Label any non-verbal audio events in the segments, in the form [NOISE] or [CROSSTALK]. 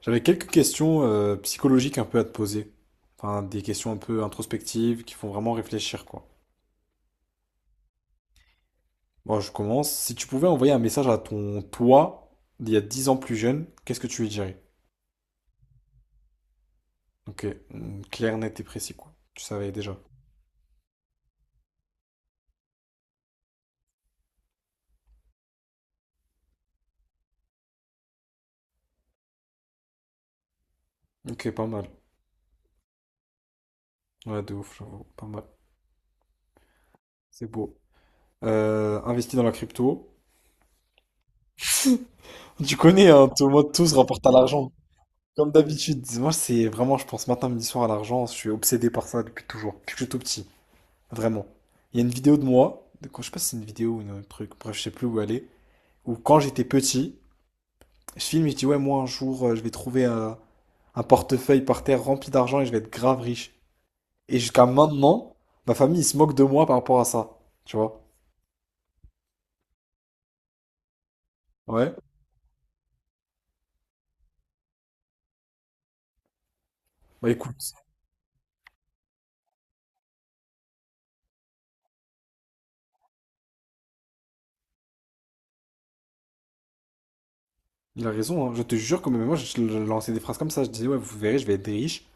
J'avais quelques questions psychologiques un peu à te poser. Enfin, des questions un peu introspectives qui font vraiment réfléchir, quoi. Bon, je commence. Si tu pouvais envoyer un message à ton toi d'il y a 10 ans plus jeune, qu'est-ce que tu lui dirais? Ok, mm, clair, net et précis, quoi. Tu savais déjà. Ok, pas mal. Ouais, de ouf, j'avoue. Pas mal. C'est beau. Investi dans la crypto. [LAUGHS] Tu connais, hein, tout le monde, tout se rapporte à l'argent. Comme d'habitude. Moi, c'est vraiment, je pense matin, midi, soir à l'argent. Je suis obsédé par ça depuis toujours, depuis que je suis tout petit. Vraiment. Il y a une vidéo de moi, de quand, je sais pas si c'est une vidéo ou un truc, bref, je sais plus où elle est, où quand j'étais petit, je filme et je dis, ouais, moi un jour, je vais trouver un portefeuille par terre rempli d'argent et je vais être grave riche. Et jusqu'à maintenant, ma famille, ils se moquent de moi par rapport à ça. Tu vois? Ouais. Bah écoute. Il a raison, hein. Je te jure que même moi, je lançais des phrases comme ça. Je disais, ouais, vous verrez, je vais être riche.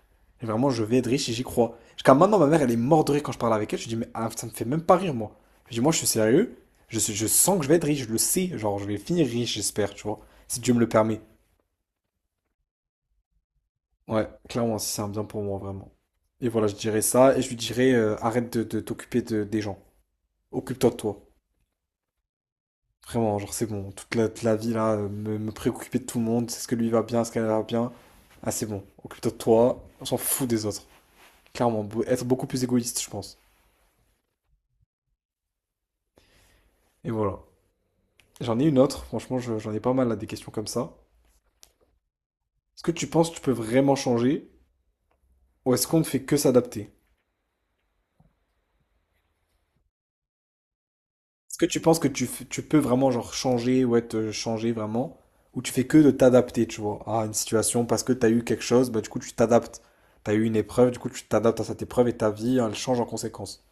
Et vraiment, je vais être riche et j'y crois. Jusqu'à maintenant, ma mère, elle est morte de rire quand je parle avec elle. Je dis, mais ah, ça me fait même pas rire, moi. Je dis, moi, je suis sérieux. Je sens que je vais être riche, je le sais. Genre, je vais finir riche, j'espère, tu vois. Si Dieu me le permet. Ouais, clairement, si c'est un bien pour moi, vraiment. Et voilà, je dirais ça. Et je lui dirais, arrête de des gens. Occupe-toi de toi. Vraiment, genre c'est bon, toute la vie là, me préoccuper de tout le monde, c'est ce que lui va bien, ce qu'elle va bien. Ah c'est bon, occupe-toi de toi, on s'en fout des autres. Clairement, être beaucoup plus égoïste, je pense. Et voilà. J'en ai une autre, franchement, j'en ai pas mal là, des questions comme ça. Est-ce que tu penses que tu peux vraiment changer, ou est-ce qu'on ne fait que s'adapter? Est-ce que tu penses que tu, tu peux vraiment genre changer, ou être changé vraiment, ou tu fais que de t'adapter, tu vois, à une situation parce que t'as eu quelque chose, bah du coup tu t'adaptes. T'as eu une épreuve, du coup tu t'adaptes à cette épreuve et ta vie, hein, elle change en conséquence.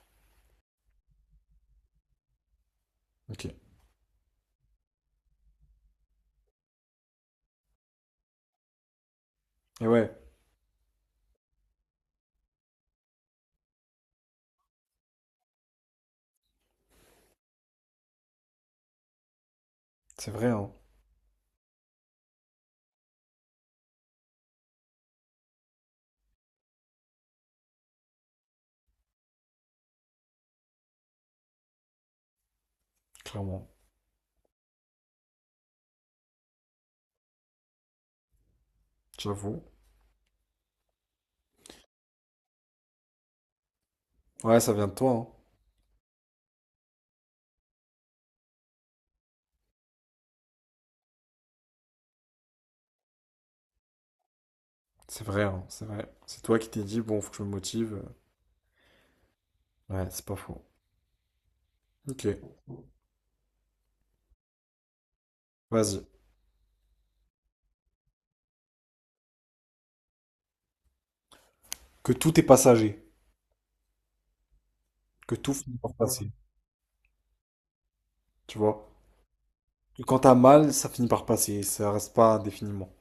Ok. Et ouais, c'est vrai, hein, clairement. J'avoue. Ouais, ça vient de toi, hein. C'est vrai, hein, c'est vrai. C'est toi qui t'es dit, bon, faut que je me motive. Ouais, c'est pas faux. Ok, vas-y. Que tout est passager. Que tout finit par passer. Tu vois? Que quand t'as mal, ça finit par passer. Ça reste pas indéfiniment.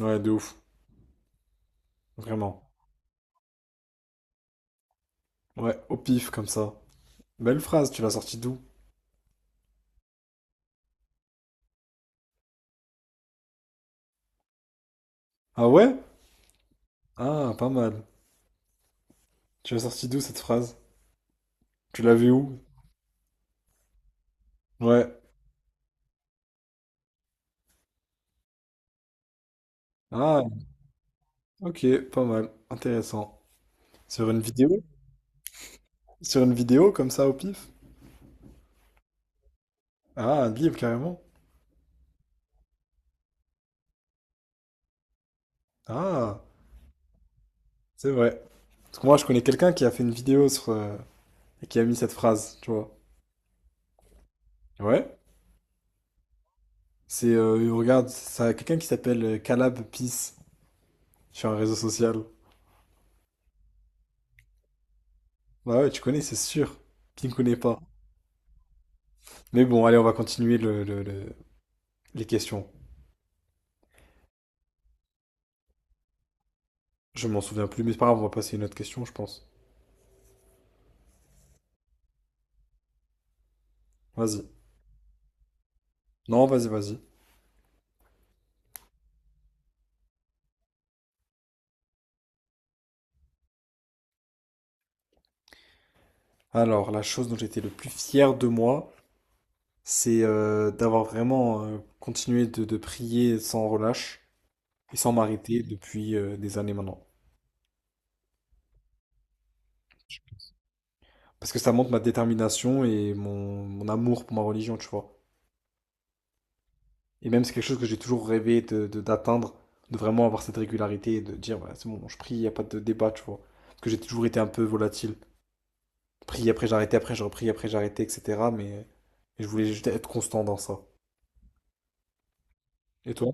Ouais, de ouf. Vraiment. Ouais, au pif, comme ça. Belle phrase, tu l'as sortie d'où? Ah ouais? Ah, pas mal. Tu l'as sortie d'où cette phrase? Tu l'as vue où? Ouais. Ah, ok, pas mal. Intéressant. Sur une vidéo? Sur une vidéo comme ça au pif? Ah, un livre carrément. Ah, c'est vrai. Parce que moi, je connais quelqu'un qui a fait une vidéo sur et qui a mis cette phrase, tu vois. Ouais. C'est regarde, ça quelqu'un qui s'appelle Calab Peace sur un réseau social. Bah ouais, tu connais, c'est sûr. Qui ne connaît pas. Mais bon, allez, on va continuer les questions. Je m'en souviens plus, mais c'est pas grave, on va passer à une autre question, je pense. Vas-y. Non, vas-y, vas-y. Alors, la chose dont j'étais le plus fier de moi. C'est d'avoir vraiment continué de prier sans relâche et sans m'arrêter depuis des années maintenant. Parce que ça montre ma détermination et mon amour pour ma religion, tu vois. Et même c'est quelque chose que j'ai toujours rêvé d'atteindre, de vraiment avoir cette régularité et de dire, voilà, c'est bon, je prie, il n'y a pas de débat, tu vois. Parce que j'ai toujours été un peu volatile. Prie après j'arrêtais, après je repris, après j'arrêtais, etc. Mais je voulais juste être constant dans ça. Et toi?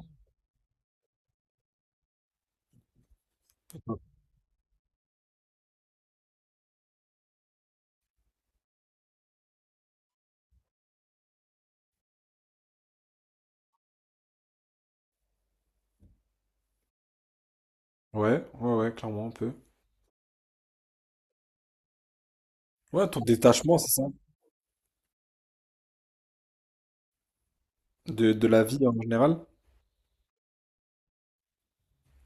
Ouais, ouais, ouais, clairement un peu. Ouais, ton détachement, c'est ça? De la vie en général?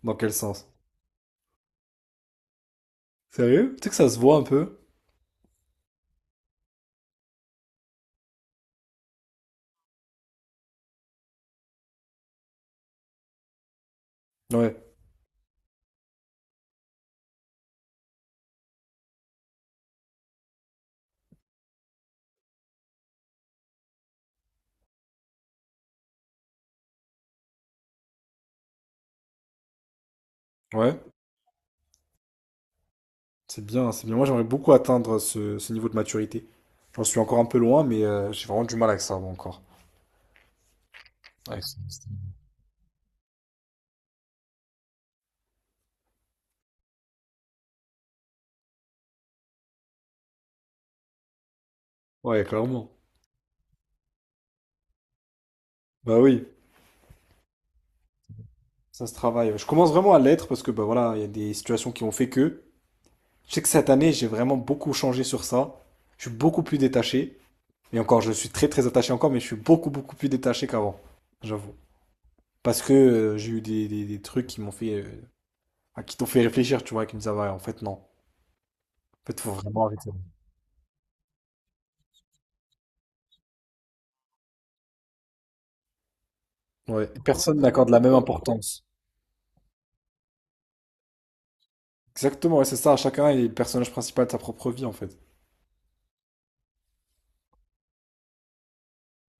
Dans quel sens? Sérieux? Tu sais que ça se voit un peu? Ouais, ouais, c'est bien, c'est bien. Moi, j'aimerais beaucoup atteindre ce, ce niveau de maturité. J'en suis encore un peu loin, mais j'ai vraiment du mal avec ça, moi, encore. Avec ça, c'est- Ouais, clairement. Bah oui, ça se travaille. Je commence vraiment à l'être parce que bah voilà, il y a des situations qui ont fait que. Je sais que cette année, j'ai vraiment beaucoup changé sur ça. Je suis beaucoup plus détaché. Et encore, je suis très très attaché encore, mais je suis beaucoup beaucoup plus détaché qu'avant, j'avoue. Parce que j'ai eu des, des trucs qui m'ont fait, ah, qui t'ont fait réfléchir, tu vois, qui me disaient, ah ouais, en fait non. En fait, faut vraiment. Ouais. Personne n'accorde la même importance. Exactement, ouais, c'est ça. Chacun est le personnage principal de sa propre vie, en fait.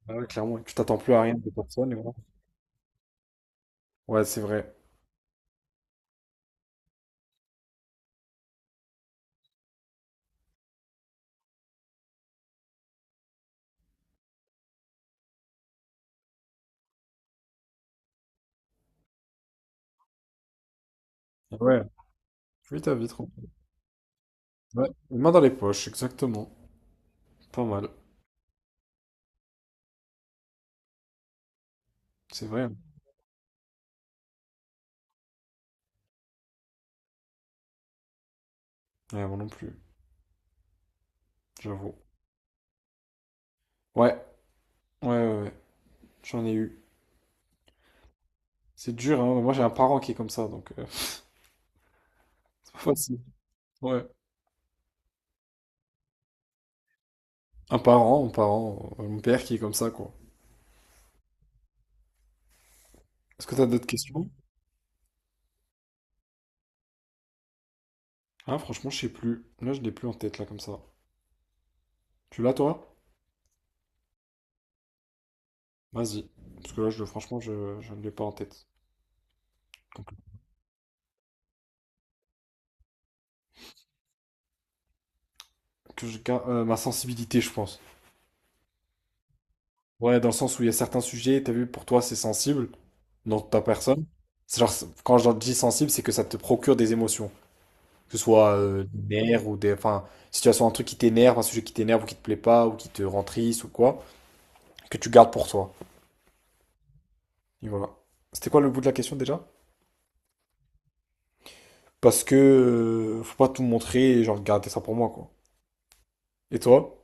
Ah ouais, clairement. Tu t'attends plus à rien de personne, et voilà. Ouais, c'est vrai. Ouais, oui, ta vie, trop. Ouais, une main dans les poches, exactement. Pas mal. C'est vrai. Hein. Ouais, moi non plus, j'avoue. Ouais, ouais, ouais, ouais. J'en ai eu. C'est dur, hein. Moi, j'ai un parent qui est comme ça, donc [LAUGHS] c'est pas facile. Ouais. Un parent, mon père qui est comme ça, quoi. Est-ce que t'as d'autres questions? Ah, franchement, je sais plus. Là, je l'ai plus en tête, là, comme ça. Tu l'as, toi? Vas-y. Parce que là, je, franchement, je ne l'ai pas en tête. Donc, que je garde ma sensibilité, je pense. Ouais, dans le sens où il y a certains sujets, t'as vu, pour toi, c'est sensible, dans ta personne. C'est genre, c'est- quand je dis sensible, c'est que ça te procure des émotions. Que ce soit des nerfs ou des. Enfin, situation, un truc qui t'énerve, un sujet qui t'énerve ou qui te plaît pas ou qui te rend triste ou quoi, que tu gardes pour toi. Et voilà. C'était quoi le bout de la question déjà? Parce que faut pas tout montrer et genre garder ça pour moi, quoi. Et toi?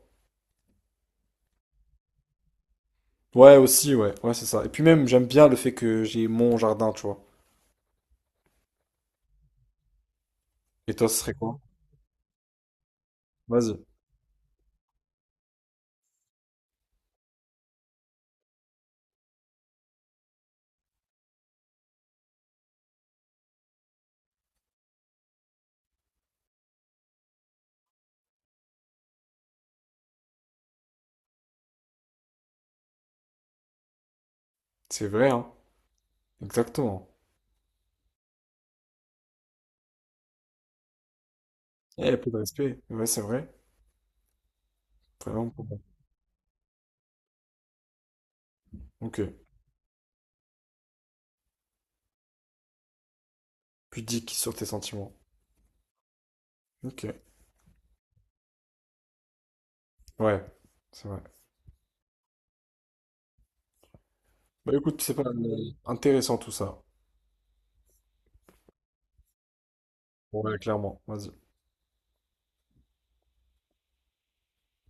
Ouais, aussi, ouais. Ouais, c'est ça. Et puis même, j'aime bien le fait que j'ai mon jardin, tu vois. Et toi, ce serait quoi? Vas-y. C'est vrai, hein. Exactement. Eh, peu de respect. Ouais, c'est vrai. Vraiment pas bon. Ok. Pudique sur tes sentiments. Ok. Ouais, c'est vrai. Bah écoute, c'est pas intéressant tout ça. Ouais, clairement. Vas-y.